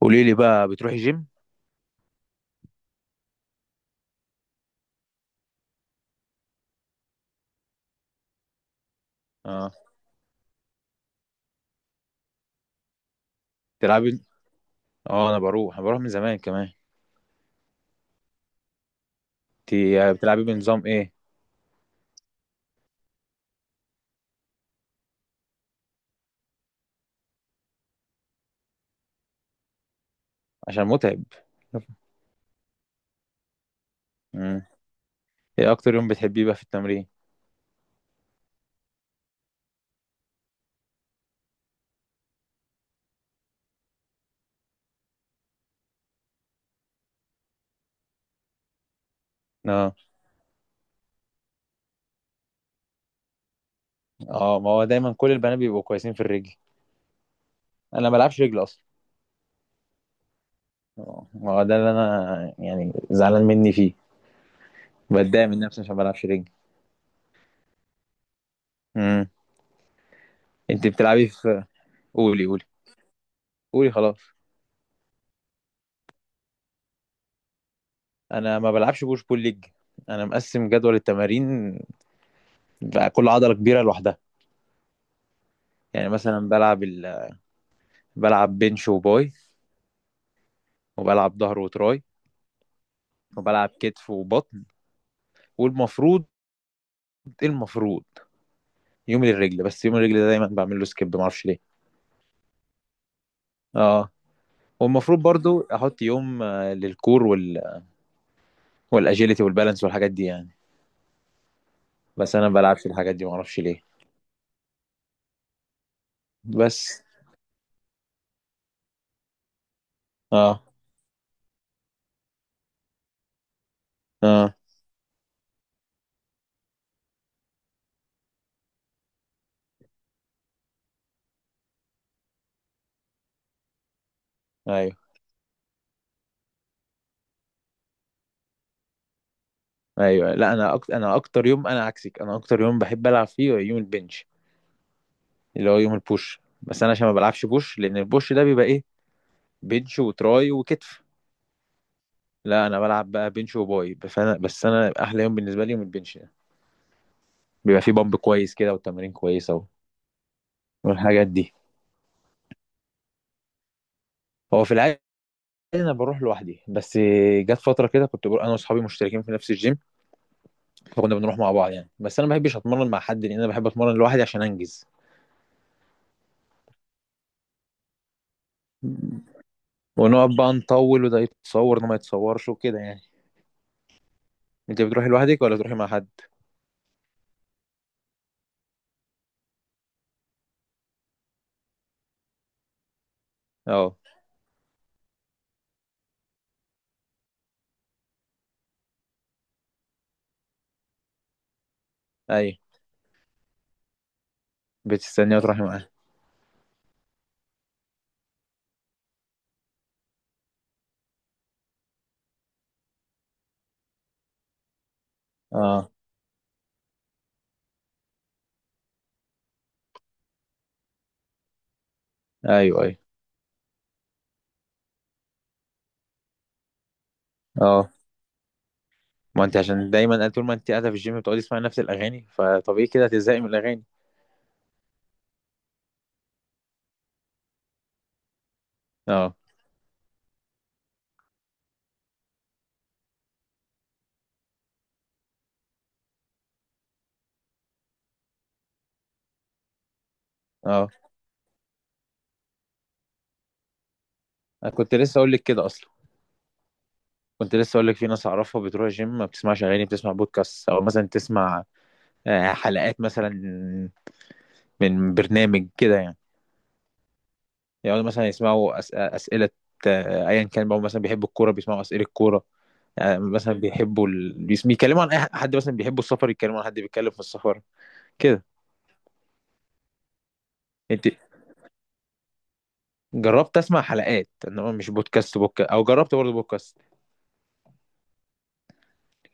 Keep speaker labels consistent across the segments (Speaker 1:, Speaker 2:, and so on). Speaker 1: قولي لي بقى بتروحي جيم؟ اه. تلعبي؟ اه، انا بروح من زمان كمان. انت بتلعبي بنظام ايه؟ عشان متعب. امم. ايه اكتر يوم بتحبيه بقى في التمرين؟ اه اه، ما هو دايما كل البنات بيبقوا كويسين في الرجل. انا ما بلعبش رجل اصلا. اه، ما هو ده اللي انا زعلان مني فيه. بتضايق من نفسي عشان ما بلعبش رجل. امم. انت بتلعبي في قولي قولي. قولي خلاص. انا ما بلعبش بوش بول ليج. انا مقسم جدول التمارين بقى، كل عضله كبيره لوحدها. يعني مثلا بلعب بنش وباي، وبلعب ظهر وتراي، وبلعب كتف وبطن. والمفروض إيه المفروض؟ يوم للرجل، بس يوم الرجل ده دايما بعمل له سكيب، ما اعرفش ليه. اه. والمفروض برضو احط يوم للكور والاجيلتي والبالانس والحاجات دي. بس انا ما بلعبش الحاجات دي، ما اعرفش ليه بس. اه اه، ايوه ايوه. لا، انا اكتر يوم، انا عكسك، انا اكتر يوم بحب العب فيه هو يوم البنش، اللي هو يوم البوش. بس انا عشان ما بلعبش بوش، لان البوش ده بيبقى ايه؟ بنش وتراي وكتف. لا، انا بلعب بقى بنش وباي بس. انا احلى يوم بالنسبه لي يوم البنش ده. بيبقى فيه بامب كويس كده والتمارين والحاجات دي. هو في العادي انا بروح لوحدي. بس جت فتره كده كنت بروح انا واصحابي، مشتركين في نفس الجيم، فكنا بنروح مع بعض يعني. بس انا ما بحبش اتمرن مع حد، لان انا بحب اتمرن لوحدي عشان انجز. ونقعد بقى نطول، وده يتصور وده ما يتصورش وكده يعني. انت بتروحي لوحدك ولا بتروحي مع حد؟ اه. ايوه. بتستني وتروحي معاه؟ اه، ايوه ايوه. اه ما انت عشان دايما طول ما انت قاعده في الجيم بتقعدي تسمعي نفس الاغاني، فطبيعي كده هتزهقي من الاغاني. اه اه. انا كنت لسه اقول لك كده اصلا. كنت لسه اقول لك في ناس اعرفها بتروح الجيم ما بتسمعش اغاني، بتسمع بودكاست، او مثلا تسمع حلقات مثلا من برنامج كده يعني. يعني مثلا اسئله، ايا كان بقى. مثلا بيحبوا الكوره بيسمعوا اسئله الكوره، مثلا بيتكلموا عن اي حد. مثلا بيحبوا السفر يتكلموا عن حد بيتكلم في السفر كده. انت جربت اسمع حلقات انما مش بودكاست بوك، او جربت برضه بودكاست؟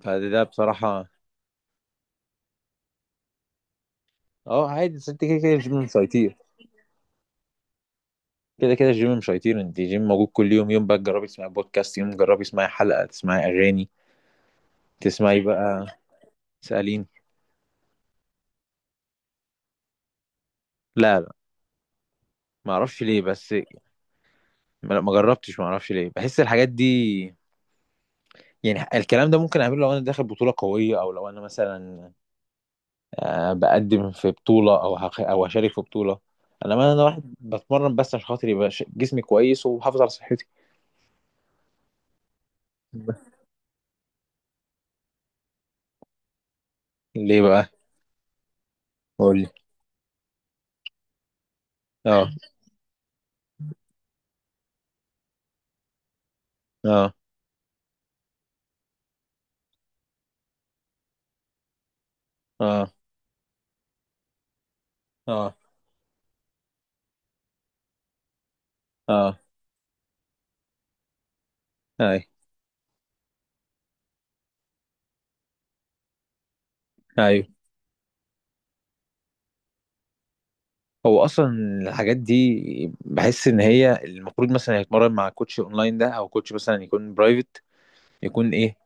Speaker 1: فده بصراحة. اه عادي، بس انت كده كده الجيم مش هيطير. كده كده الجيم مش هيطير، انت الجيم موجود كل يوم. يوم بقى تجربي تسمعي بودكاست، يوم جربي تسمعي حلقة، تسمعي أغاني، تسمعي بقى. سألين؟ لا لا، ما اعرفش ليه بس، ما جربتش. ما اعرفش ليه، بحس الحاجات دي يعني الكلام ده ممكن اعمله لو انا داخل بطولة قوية، او لو انا مثلا بقدم في بطولة، او هشارك في بطولة. انا ما انا واحد بتمرن بس عشان خاطر يبقى جسمي كويس وحافظ على صحتي. ليه بقى؟ قول لي. اه. اه. اه. اه. اه. اي، ايوه. هو اصلا الحاجات دي بحس ان هي المفروض مثلا يتمرن مع كوتش اونلاين ده، او كوتش مثلا يكون برايفت. يكون ايه؟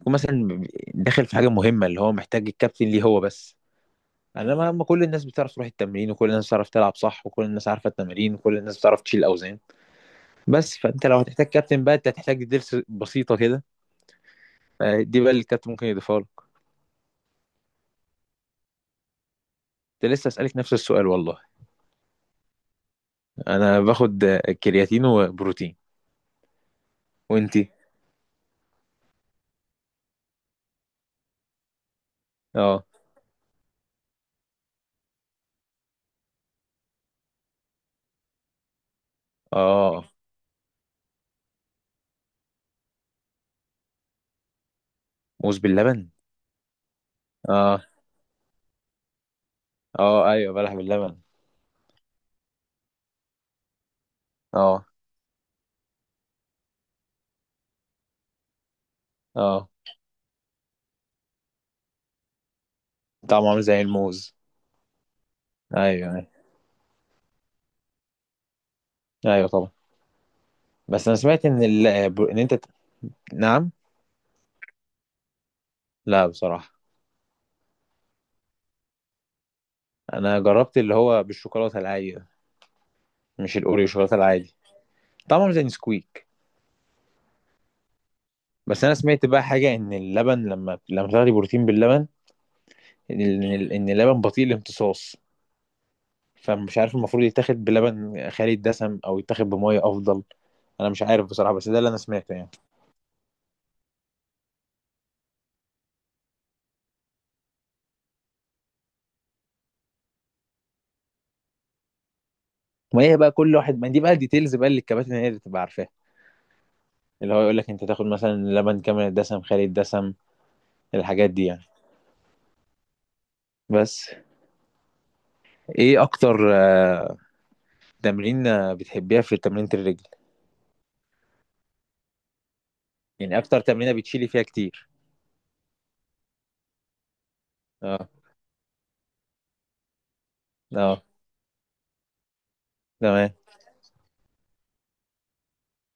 Speaker 1: يكون مثلا داخل في حاجه مهمه، اللي هو محتاج الكابتن ليه هو بس. انا ما ما كل الناس بتعرف تروح التمرين، وكل الناس بتعرف تلعب صح، وكل الناس عارفه التمارين، وكل الناس بتعرف تشيل اوزان. بس فانت لو هتحتاج كابتن بقى، انت هتحتاج دروس بسيطه كده، دي بقى اللي الكابتن ممكن يضيفها لك. كنت لسه اسالك نفس السؤال والله. انا باخد كرياتين وبروتين. وانتي؟ آه. اه موز باللبن. اه اه، ايوه، بلح باللبن. اه اه، طعمه عامل زي الموز. ايوه ايوه. ايوه طبعا. بس انا سمعت ان ال... ان انت ت- نعم؟ لا بصراحه. انا جربت اللي هو بالشوكولاته العاديه، مش الاوريو، الشوكولاته العادي. طعمه عامل زي نسكويك. بس انا سمعت بقى حاجه، ان اللبن لما تاخدي بروتين باللبن، ان اللبن بطيء الامتصاص. فمش عارف المفروض يتاخد بلبن خالي الدسم، او يتاخد بميه افضل. انا مش عارف بصراحه، بس ده اللي انا سمعته يعني. ما هي بقى كل واحد ما دي بقى الديتيلز بقى اللي الكباتن هي اللي بتبقى عارفاها، اللي هو يقول لك انت تاخد مثلا لبن كامل الدسم، خالي الدسم، الحاجات دي يعني. بس ايه اكتر تمرين بتحبيها في تمرينة الرجل؟ يعني اكتر تمرينة بتشيلي فيها كتير؟ اه اه. تمام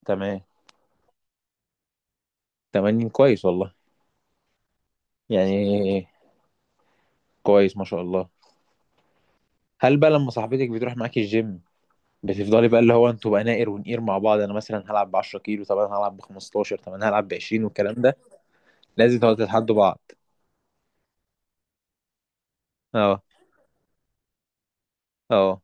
Speaker 1: تمام. تمرين كويس والله. يعني كويس ما شاء الله. هل بقى لما صاحبتك بتروح معاكي الجيم، بتفضلي بقى اللي هو انتوا بقى ناقر ونقير مع بعض؟ انا مثلا هلعب ب 10 كيلو، طب انا هلعب ب 15، طب انا هلعب ب 20، والكلام ده. لازم تقعدوا تتحدوا بعض. اه اه،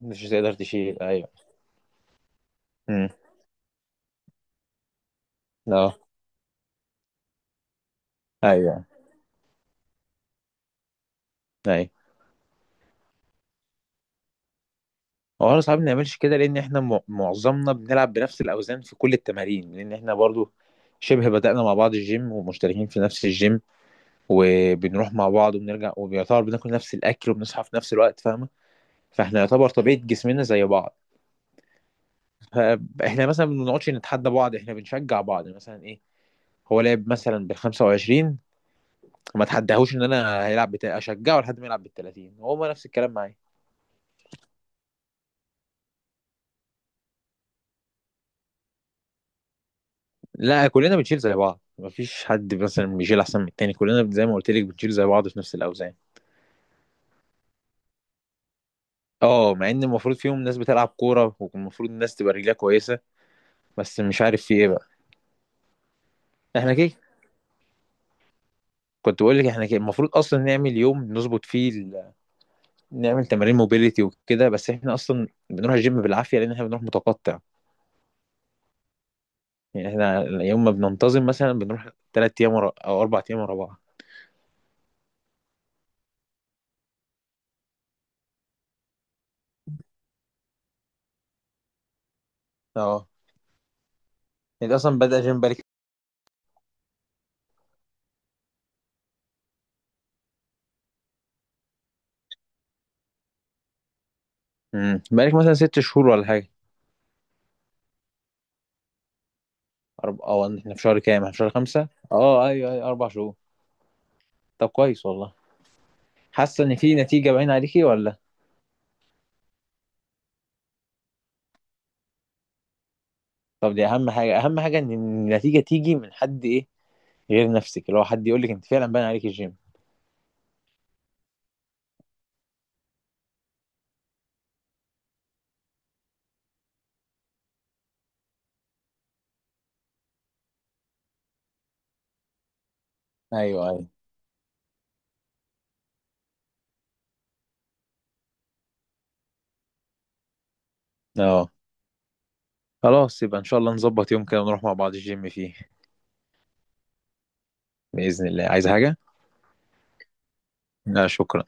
Speaker 1: مش هتقدر تشيل، ايوه. امم. اه، ايوه ايوه. هو احنا صعب نعملش كده، لان احنا معظمنا بنلعب بنفس الاوزان في كل التمارين. لان احنا برضو شبه بدأنا مع بعض الجيم، ومشتركين في نفس الجيم، وبنروح مع بعض وبنرجع، وبيعتبر بناكل نفس الاكل وبنصحى في نفس الوقت، فاهمه؟ فاحنا يعتبر طبيعه جسمنا زي بعض. فاحنا مثلا ما بنقعدش نتحدى بعض، احنا بنشجع بعض. يعني مثلا ايه، هو لعب مثلا بال 25، ما تحداهوش ان اشجعه لحد ما يلعب بال 30. هو نفس الكلام معايا. لا، كلنا بنشيل زي بعض، مفيش حد مثلا بيشيل احسن من التاني. كلنا زي ما قلت لك بنشيل زي بعض في نفس الاوزان. اه، مع ان المفروض فيهم ناس بتلعب كوره، والمفروض الناس تبقى رجلها كويسه، بس مش عارف في ايه بقى. احنا كده. كنت بقول لك احنا كده المفروض اصلا نعمل يوم نظبط فيه نعمل تمارين موبيليتي وكده. بس احنا اصلا بنروح الجيم بالعافيه، لان احنا بنروح متقطع. يعني احنا يوم ما بننتظم مثلا بنروح ثلاث او 4 ايام ورا بعض. اه. انت اصلا بدأ جيم بالك؟ امم، بقالك مثلا 6 شهور ولا حاجه؟ أرب... اه احنا في شهر كام؟ احنا في شهر 5؟ اه ايوه ايوه، 4 شهور. طب كويس والله. حاسة ان في نتيجة باينة عليكي ولا؟ طب دي اهم حاجة، اهم حاجة ان النتيجة تيجي من حد ايه، غير نفسك، اللي هو حد يقول لك انت فعلا باين عليك الجيم. ايوه ايوه. اه. خلاص يبقى ان شاء الله نظبط يوم كده ونروح مع بعض الجيم فيه. بإذن الله، عايز حاجة؟ لا شكرا.